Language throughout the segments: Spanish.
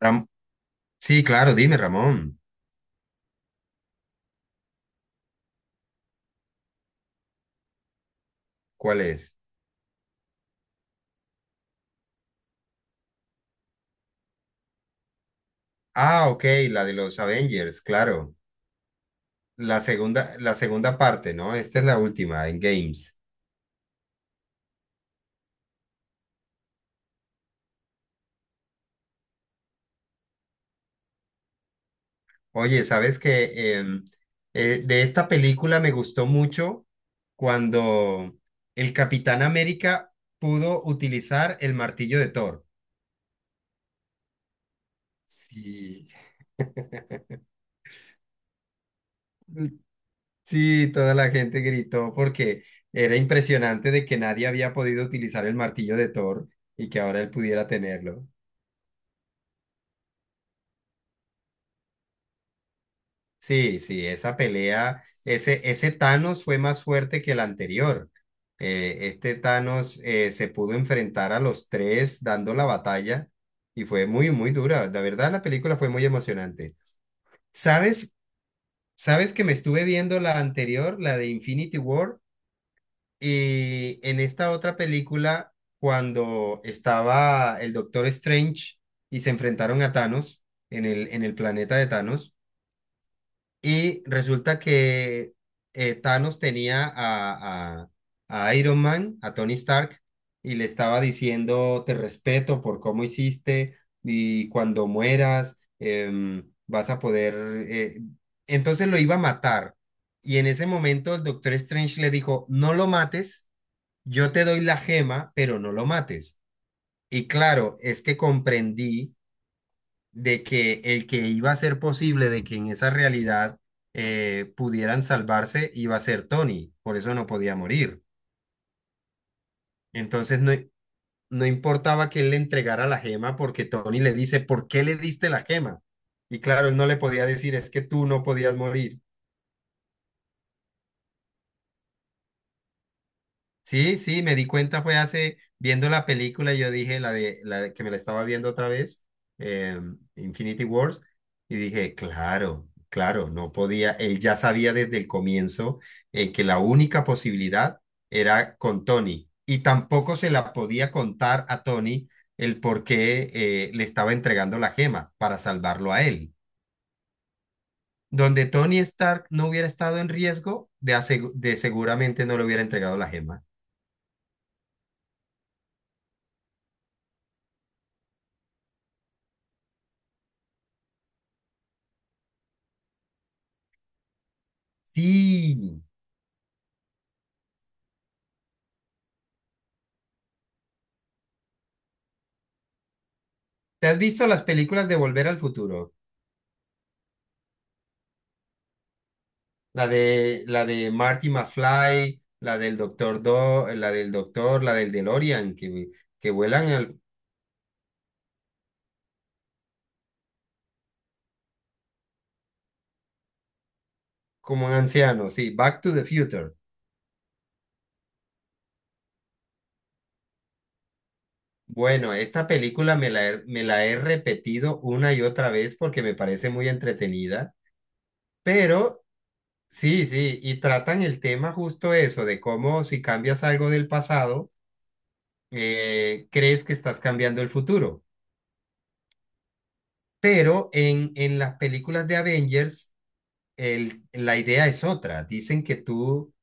Ram- sí, claro, dime, Ramón. ¿Cuál es? Ah, ok, la de los Avengers, claro. La segunda parte, ¿no? Esta es la última, en Games. Oye, ¿sabes que de esta película me gustó mucho cuando el Capitán América pudo utilizar el martillo de Thor? Sí, sí, toda la gente gritó porque era impresionante de que nadie había podido utilizar el martillo de Thor y que ahora él pudiera tenerlo. Sí, sí, esa pelea, ese Thanos fue más fuerte que el anterior. Este Thanos se pudo enfrentar a los tres dando la batalla y fue muy, muy dura. La verdad, la película fue muy emocionante. ¿Sabes? ¿Sabes que me estuve viendo la anterior, la de Infinity War? Y en esta otra película, cuando estaba el Doctor Strange y se enfrentaron a Thanos en el planeta de Thanos. Y resulta que Thanos tenía a Iron Man, a Tony Stark, y le estaba diciendo, te respeto por cómo hiciste y cuando mueras vas a poder... eh". Entonces lo iba a matar. Y en ese momento el Doctor Strange le dijo, no lo mates, yo te doy la gema, pero no lo mates. Y claro, es que comprendí de que el que iba a ser posible de que en esa realidad pudieran salvarse iba a ser Tony, por eso no podía morir. Entonces no, no importaba que él le entregara la gema porque Tony le dice, ¿por qué le diste la gema? Y claro, él no le podía decir, es que tú no podías morir. Sí, sí, me di cuenta fue hace, viendo la película, yo dije que me la estaba viendo otra vez, eh, Infinity Wars, y dije, claro, claro, no podía, él ya sabía desde el comienzo, que la única posibilidad era con Tony, y tampoco se la podía contar a Tony el por qué le estaba entregando la gema para salvarlo a él. Donde Tony Stark no hubiera estado en riesgo, de, de seguramente no le hubiera entregado la gema. Sí. ¿Te has visto las películas de Volver al Futuro? La de Marty McFly, la del Doctor Do, la del Doctor, la del DeLorean, que, que vuelan al- como ancianos, sí, Back to the Future. Bueno, esta película me la, me la he repetido una y otra vez porque me parece muy entretenida, pero sí, sí, y tratan el tema justo eso, de cómo si cambias algo del pasado, crees que estás cambiando el futuro. Pero en las películas de Avengers, el, la idea es otra. Dicen que tú,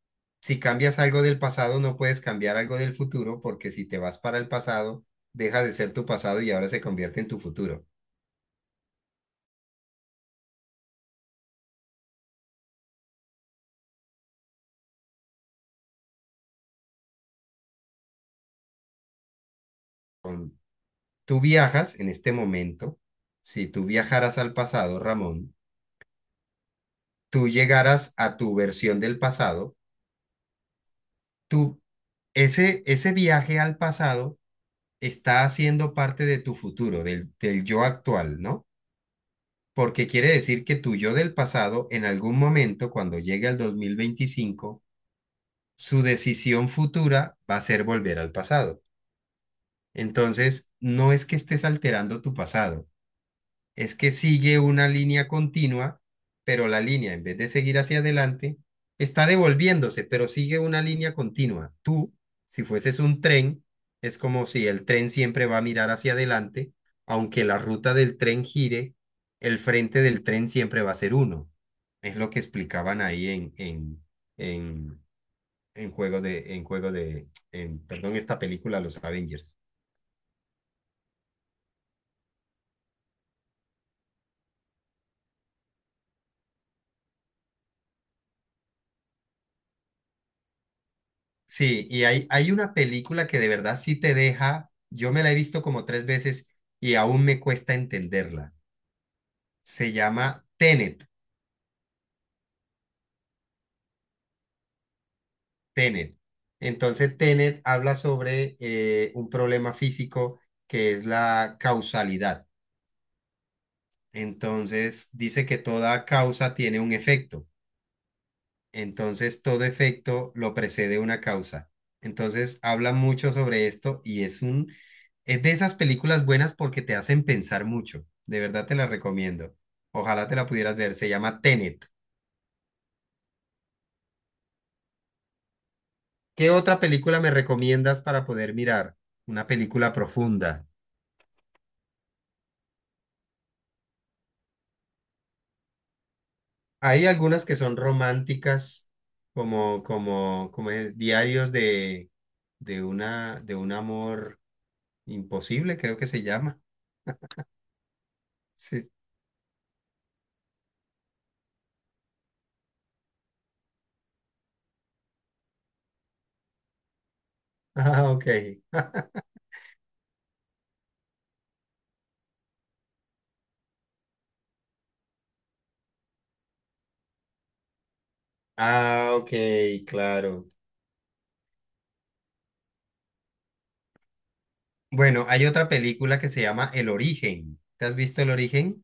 si cambias algo del pasado, no puedes cambiar algo del futuro, porque si te vas para el pasado, deja de ser tu pasado y ahora se convierte en tu futuro. Con- Tú viajas en este momento. Si tú viajaras al pasado, Ramón, tú llegaras a tu versión del pasado, tú, ese viaje al pasado está haciendo parte de tu futuro, del yo actual, ¿no? Porque quiere decir que tu yo del pasado, en algún momento, cuando llegue al 2025, su decisión futura va a ser volver al pasado. Entonces, no es que estés alterando tu pasado, es que sigue una línea continua, pero la línea, en vez de seguir hacia adelante, está devolviéndose, pero sigue una línea continua. Tú, si fueses un tren, es como si el tren siempre va a mirar hacia adelante, aunque la ruta del tren gire, el frente del tren siempre va a ser uno. Es lo que explicaban ahí en, en perdón, esta película, Los Avengers. Sí, y hay una película que de verdad sí te deja, yo me la he visto como tres veces y aún me cuesta entenderla. Se llama Tenet, Tenet. Entonces Tenet habla sobre un problema físico que es la causalidad. Entonces dice que toda causa tiene un efecto. Entonces, todo efecto lo precede una causa. Entonces, habla mucho sobre esto y es un, es de esas películas buenas porque te hacen pensar mucho. De verdad te la recomiendo. Ojalá te la pudieras ver. Se llama Tenet. ¿Qué otra película me recomiendas para poder mirar? Una película profunda. Hay algunas que son románticas, como es, diarios de una, de un amor imposible, creo que se llama. Sí. Ah, ok. Ah, ok, claro. Bueno, hay otra película que se llama El Origen. ¿Te has visto El Origen?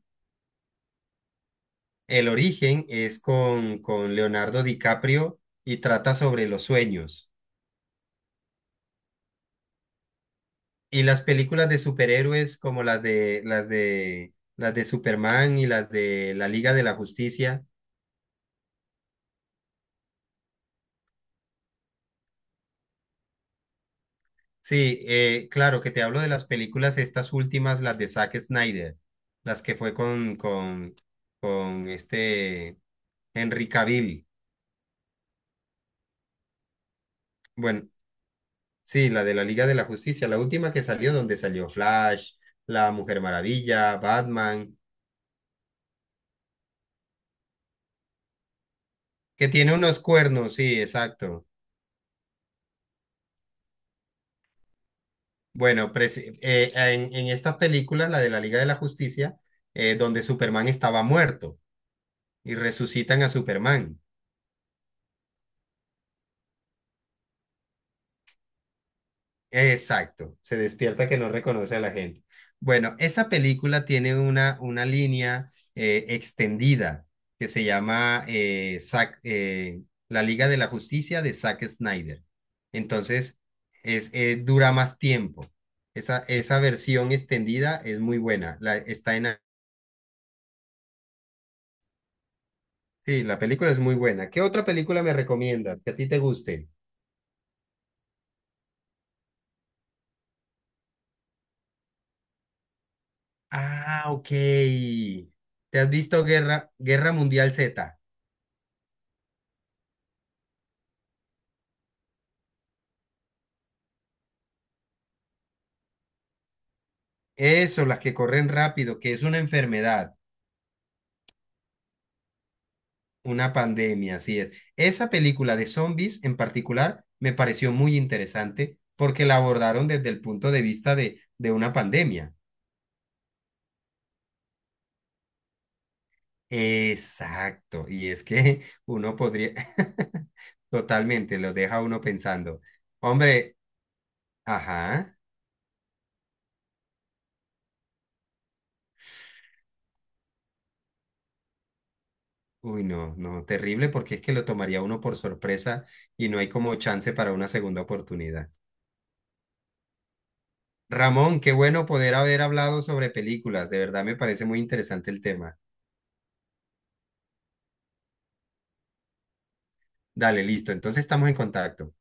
El Origen es con Leonardo DiCaprio y trata sobre los sueños. Y las películas de superhéroes como las de Superman y las de la Liga de la Justicia. Sí, claro que te hablo de las películas estas últimas, las de Zack Snyder, las que fue con con este Henry Cavill. Bueno, sí, la de la Liga de la Justicia, la última que salió, donde salió Flash, la Mujer Maravilla, Batman, que tiene unos cuernos, sí, exacto. Bueno, en esta película, la de la Liga de la Justicia, donde Superman estaba muerto y resucitan a Superman. Exacto, se despierta que no reconoce a la gente. Bueno, esa película tiene una línea extendida que se llama La Liga de la Justicia de Zack Snyder. Entonces, es, dura más tiempo. Esa versión extendida es muy buena. La, está en, sí, la película es muy buena. ¿Qué otra película me recomiendas que a ti te guste? Ah, ok. ¿Te has visto Guerra, Guerra Mundial Z? Eso, las que corren rápido, que es una enfermedad, una pandemia, así es. Esa película de zombies en particular me pareció muy interesante porque la abordaron desde el punto de vista de una pandemia. Exacto, y es que uno podría, totalmente, lo deja a uno pensando. Hombre, ajá, uy, no, no, terrible porque es que lo tomaría uno por sorpresa y no hay como chance para una segunda oportunidad. Ramón, qué bueno poder haber hablado sobre películas. De verdad me parece muy interesante el tema. Dale, listo. Entonces estamos en contacto.